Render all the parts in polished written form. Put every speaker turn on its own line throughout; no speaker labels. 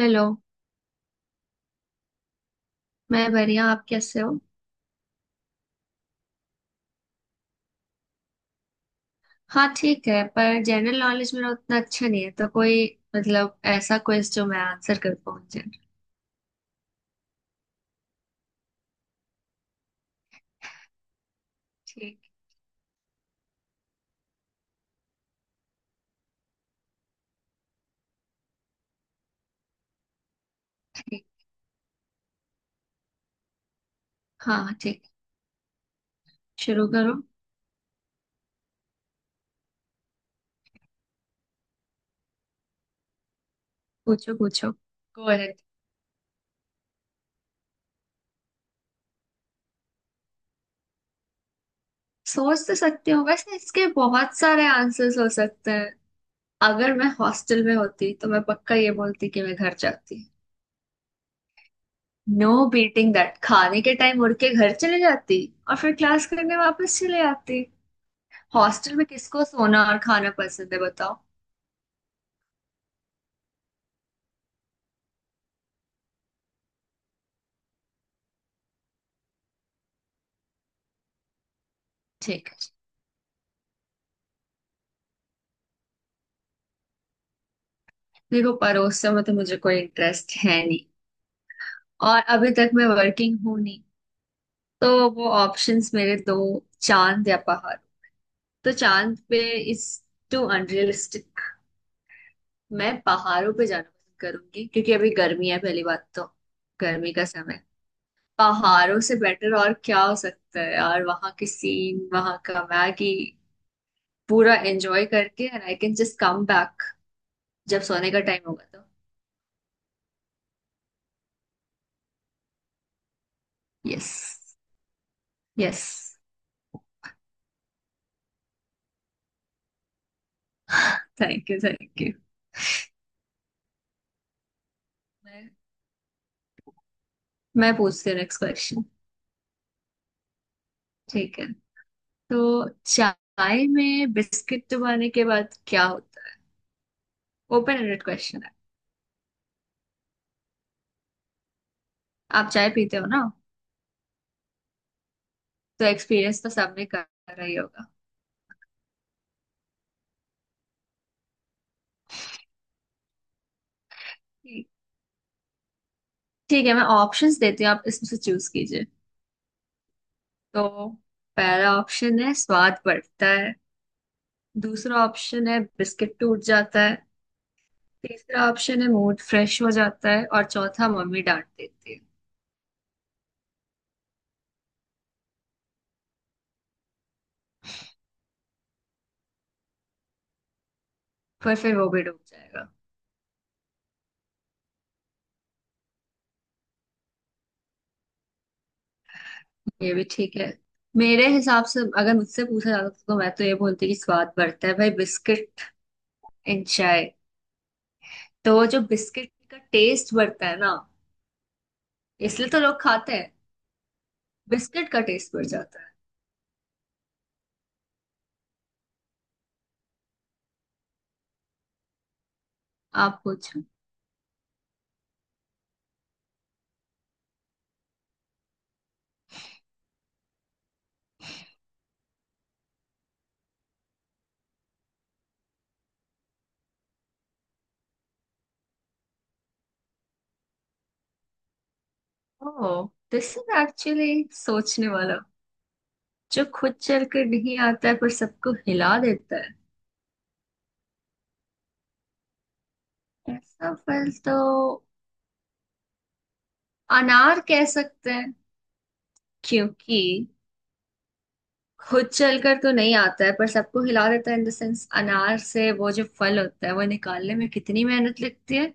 Hello. मैं बढ़िया, आप कैसे हो? हाँ ठीक है, पर जनरल नॉलेज मेरा उतना अच्छा नहीं है, तो कोई ऐसा क्वेश्चन जो मैं आंसर कर पाऊँ, जनरल। ठीक। ठीक। हाँ ठीक। शुरू करो। पूछो पूछो। Go ahead. सोच तो सकती हूँ, वैसे इसके बहुत सारे आंसर्स हो सकते हैं। अगर मैं हॉस्टल में होती तो मैं पक्का ये बोलती कि मैं घर जाती। नो बीटिंग दैट, खाने के टाइम उड़ के घर चले जाती और फिर क्लास करने वापस चले आती। हॉस्टल में किसको सोना और खाना पसंद है बताओ। ठीक है। देखो परोसा में तो मुझे कोई इंटरेस्ट है नहीं, और अभी तक मैं वर्किंग हूं नहीं, तो वो ऑप्शंस मेरे दो, चांद या पहाड़। तो चांद पे इज टू अनरियलिस्टिक। मैं पहाड़ों पे जाना पसंद करूंगी क्योंकि अभी गर्मी है पहली बात तो। गर्मी का समय पहाड़ों से बेटर और क्या हो सकता है यार, वहां की सीन, वहां का मैगी पूरा एंजॉय करके, and I can just come back जब सोने का टाइम होगा तो। Yes. Yes. Thank you thank you. मैं मैं पूछती हूँ नेक्स्ट क्वेश्चन। ठीक है। तो चाय में बिस्किट डुबाने के बाद क्या होता है? ओपन एंडेड क्वेश्चन है। आप चाय पीते हो ना? तो एक्सपीरियंस तो सबने कर रहा ही होगा। ठीक। ठीक है, मैं ऑप्शंस देती हूँ, आप इसमें से चूज कीजिए। तो पहला ऑप्शन है स्वाद बढ़ता है। दूसरा ऑप्शन है बिस्किट टूट जाता है। तीसरा ऑप्शन है मूड फ्रेश हो जाता है और चौथा मम्मी डांट देती है। पर फिर वो भी डूब जाएगा। ये भी ठीक है। मेरे हिसाब से अगर मुझसे पूछा जाता तो मैं तो ये बोलती कि स्वाद बढ़ता है भाई, बिस्किट एंड चाय। तो वो जो बिस्किट का टेस्ट बढ़ता है ना, इसलिए तो लोग खाते हैं। बिस्किट का टेस्ट बढ़ जाता है। आप पूछो। ओह, दिस इज एक्चुअली सोचने वाला। जो खुद चल कर नहीं आता है पर सबको हिला देता है, ऐसा फल तो अनार कह सकते हैं। क्योंकि खुद चलकर तो नहीं आता है पर सबको हिला देता है। इन द सेंस अनार से वो जो फल होता है, वो निकालने में कितनी मेहनत लगती है।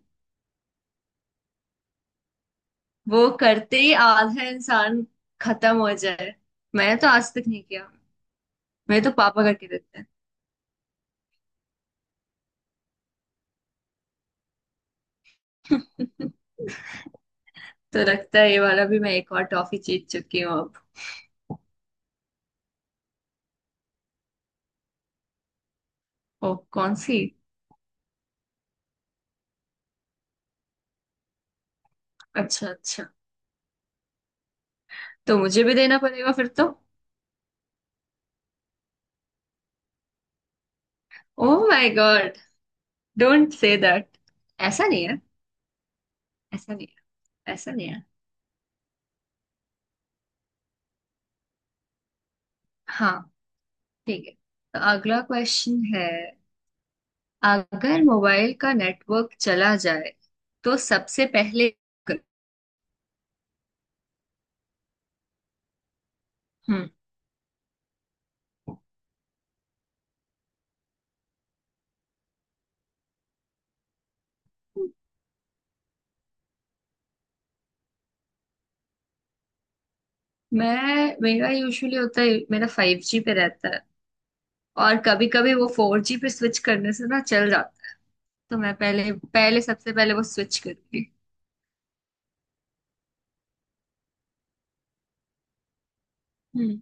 वो करते ही आधा इंसान खत्म हो जाए। मैंने तो आज तक नहीं किया, मेरे तो पापा करके देते हैं। तो लगता है ये वाला भी मैं एक और टॉफी जीत चुकी हूँ अब। ओ कौन सी? अच्छा अच्छा। तो मुझे भी देना पड़ेगा फिर तो। Oh my god, don't say that. ऐसा नहीं है। ऐसा नहीं है। ऐसा नहीं है। हाँ ठीक है। तो अगला क्वेश्चन है, अगर मोबाइल का नेटवर्क चला जाए तो सबसे पहले। हम्म। मैं मेरा यूजुअली होता है, मेरा 5G पे रहता है और कभी कभी वो 4G पे स्विच करने से ना चल जाता है। तो मैं पहले पहले सबसे पहले वो स्विच करूंगी। हम्म।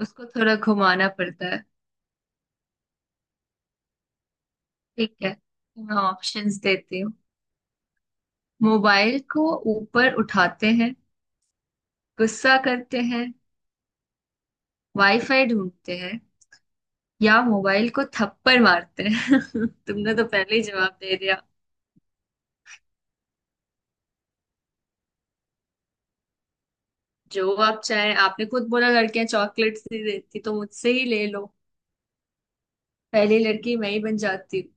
उसको थोड़ा घुमाना पड़ता है। ठीक है तो मैं ऑप्शंस देती हूँ। मोबाइल को ऊपर उठाते हैं, गुस्सा करते हैं, वाईफाई ढूंढते हैं या मोबाइल को थप्पड़ मारते हैं। तुमने तो पहले ही जवाब दे दिया। जो आप चाहे, आपने खुद बोला लड़कियां चॉकलेट ही देती, तो मुझसे ही ले लो। पहली लड़की मैं ही बन जाती हूँ।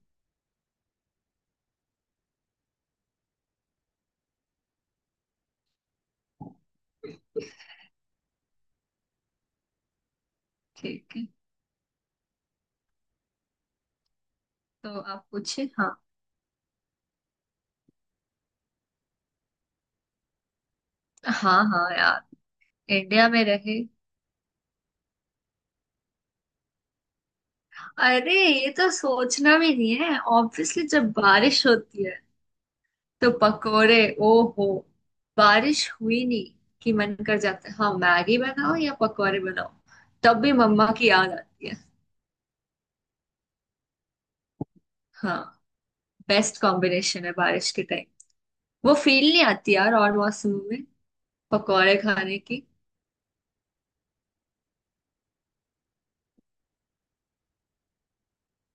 ठीक है, तो आप पूछे हाँ। हाँ हाँ यार। इंडिया में रहे। अरे ये तो सोचना भी नहीं है, ऑब्वियसली जब बारिश होती है तो पकोड़े। ओहो। बारिश हुई नहीं कि मन कर जाता है, हाँ मैगी बनाओ या पकोड़े बनाओ। तब भी मम्मा की याद आती है। हाँ। बेस्ट कॉम्बिनेशन है बारिश के टाइम। वो फील नहीं आती यार और मौसमों में, पकौड़े खाने की।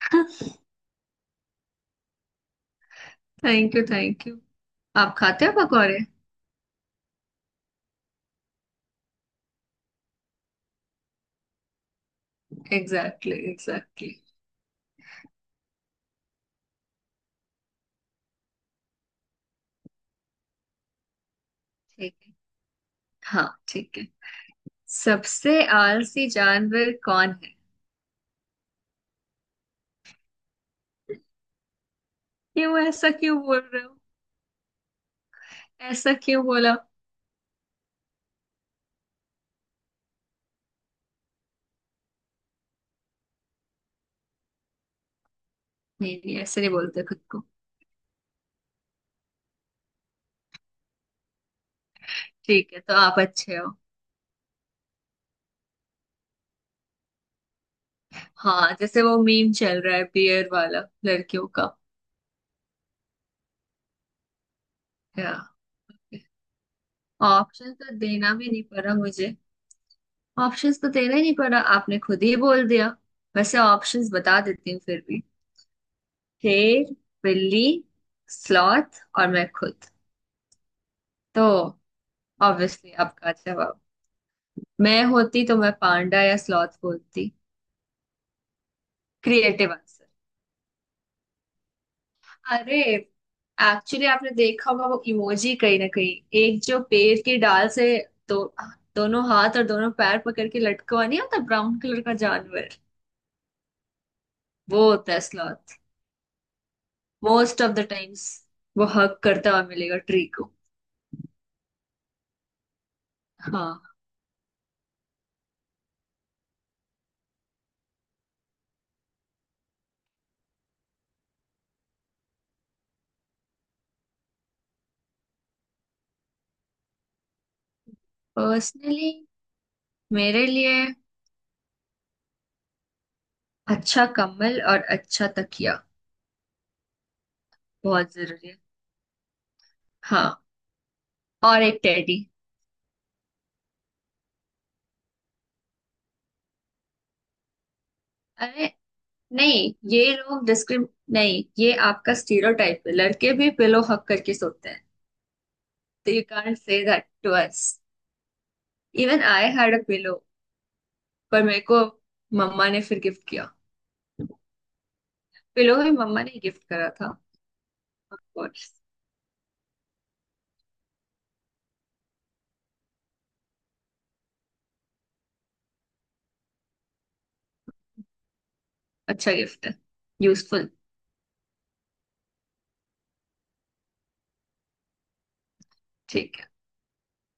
Thank you thank you. आप खाते हो पकौड़े? Exactly exactly. ठीक है। हाँ ठीक है। सबसे आलसी जानवर कौन है? क्यों ऐसा क्यों बोल रहे हो? ऐसा क्यों बोला? नहीं नहीं ऐसे नहीं बोलते खुद को। ठीक है तो आप अच्छे हो। हाँ जैसे वो मीम चल रहा है, बियर वाला, लड़कियों का। या ऑप्शन तो देना भी नहीं पड़ा मुझे। ऑप्शंस तो देना ही नहीं पड़ा, आपने खुद ही बोल दिया। वैसे ऑप्शंस बता देती हूँ फिर भी। शेर, बिल्ली, स्लॉथ और मैं खुद। तो ऑब्वियसली आपका जवाब। मैं होती तो मैं पांडा या स्लॉथ बोलती। Creative answer. अरे एक्चुअली आपने देखा होगा वो इमोजी कहीं ना कहीं, एक जो पेड़ की डाल से दो दोनों हाथ और दोनों पैर पकड़ के लटका हुआ नहीं होता, ब्राउन कलर का जानवर, वो होता है sloth. Most of the times वो हक करता हुआ मिलेगा ट्री को। हाँ। पर्सनली मेरे लिए अच्छा कम्बल और अच्छा तकिया बहुत जरूरी है। हाँ और एक टेडी। अरे नहीं ये लोग डिस्क्रिम, नहीं ये आपका स्टीरियोटाइप है, लड़के भी पिलो हक करके सोते हैं। तो you can't say that to us. Even I had a pillow. पर मेरे को मम्मा ने फिर गिफ्ट किया। पिलो भी मम्मा ने गिफ्ट करा था। Of course. अच्छा गिफ्ट है। यूजफुल। ठीक है।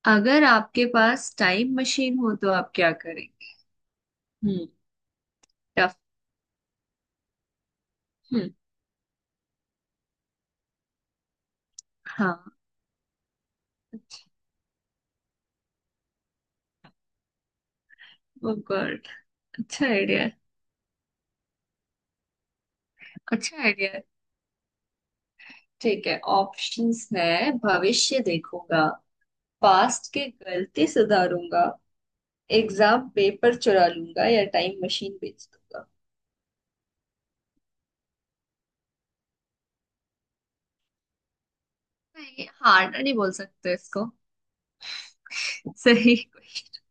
अगर आपके पास टाइम मशीन हो तो आप क्या करेंगे? हम्म। हम्म। हाँ। वो गुड। अच्छा आइडिया है। अच्छा आइडिया है। ठीक है, ऑप्शंस है। भविष्य देखूंगा, पास्ट के गलती सुधारूंगा, एग्जाम पेपर चुरा लूंगा या टाइम मशीन बेच दूंगा। नहीं, हार्ड नहीं बोल सकते इसको। सही question।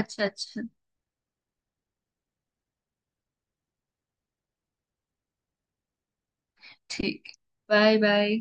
अच्छा अच्छा। ठीक। Bye bye.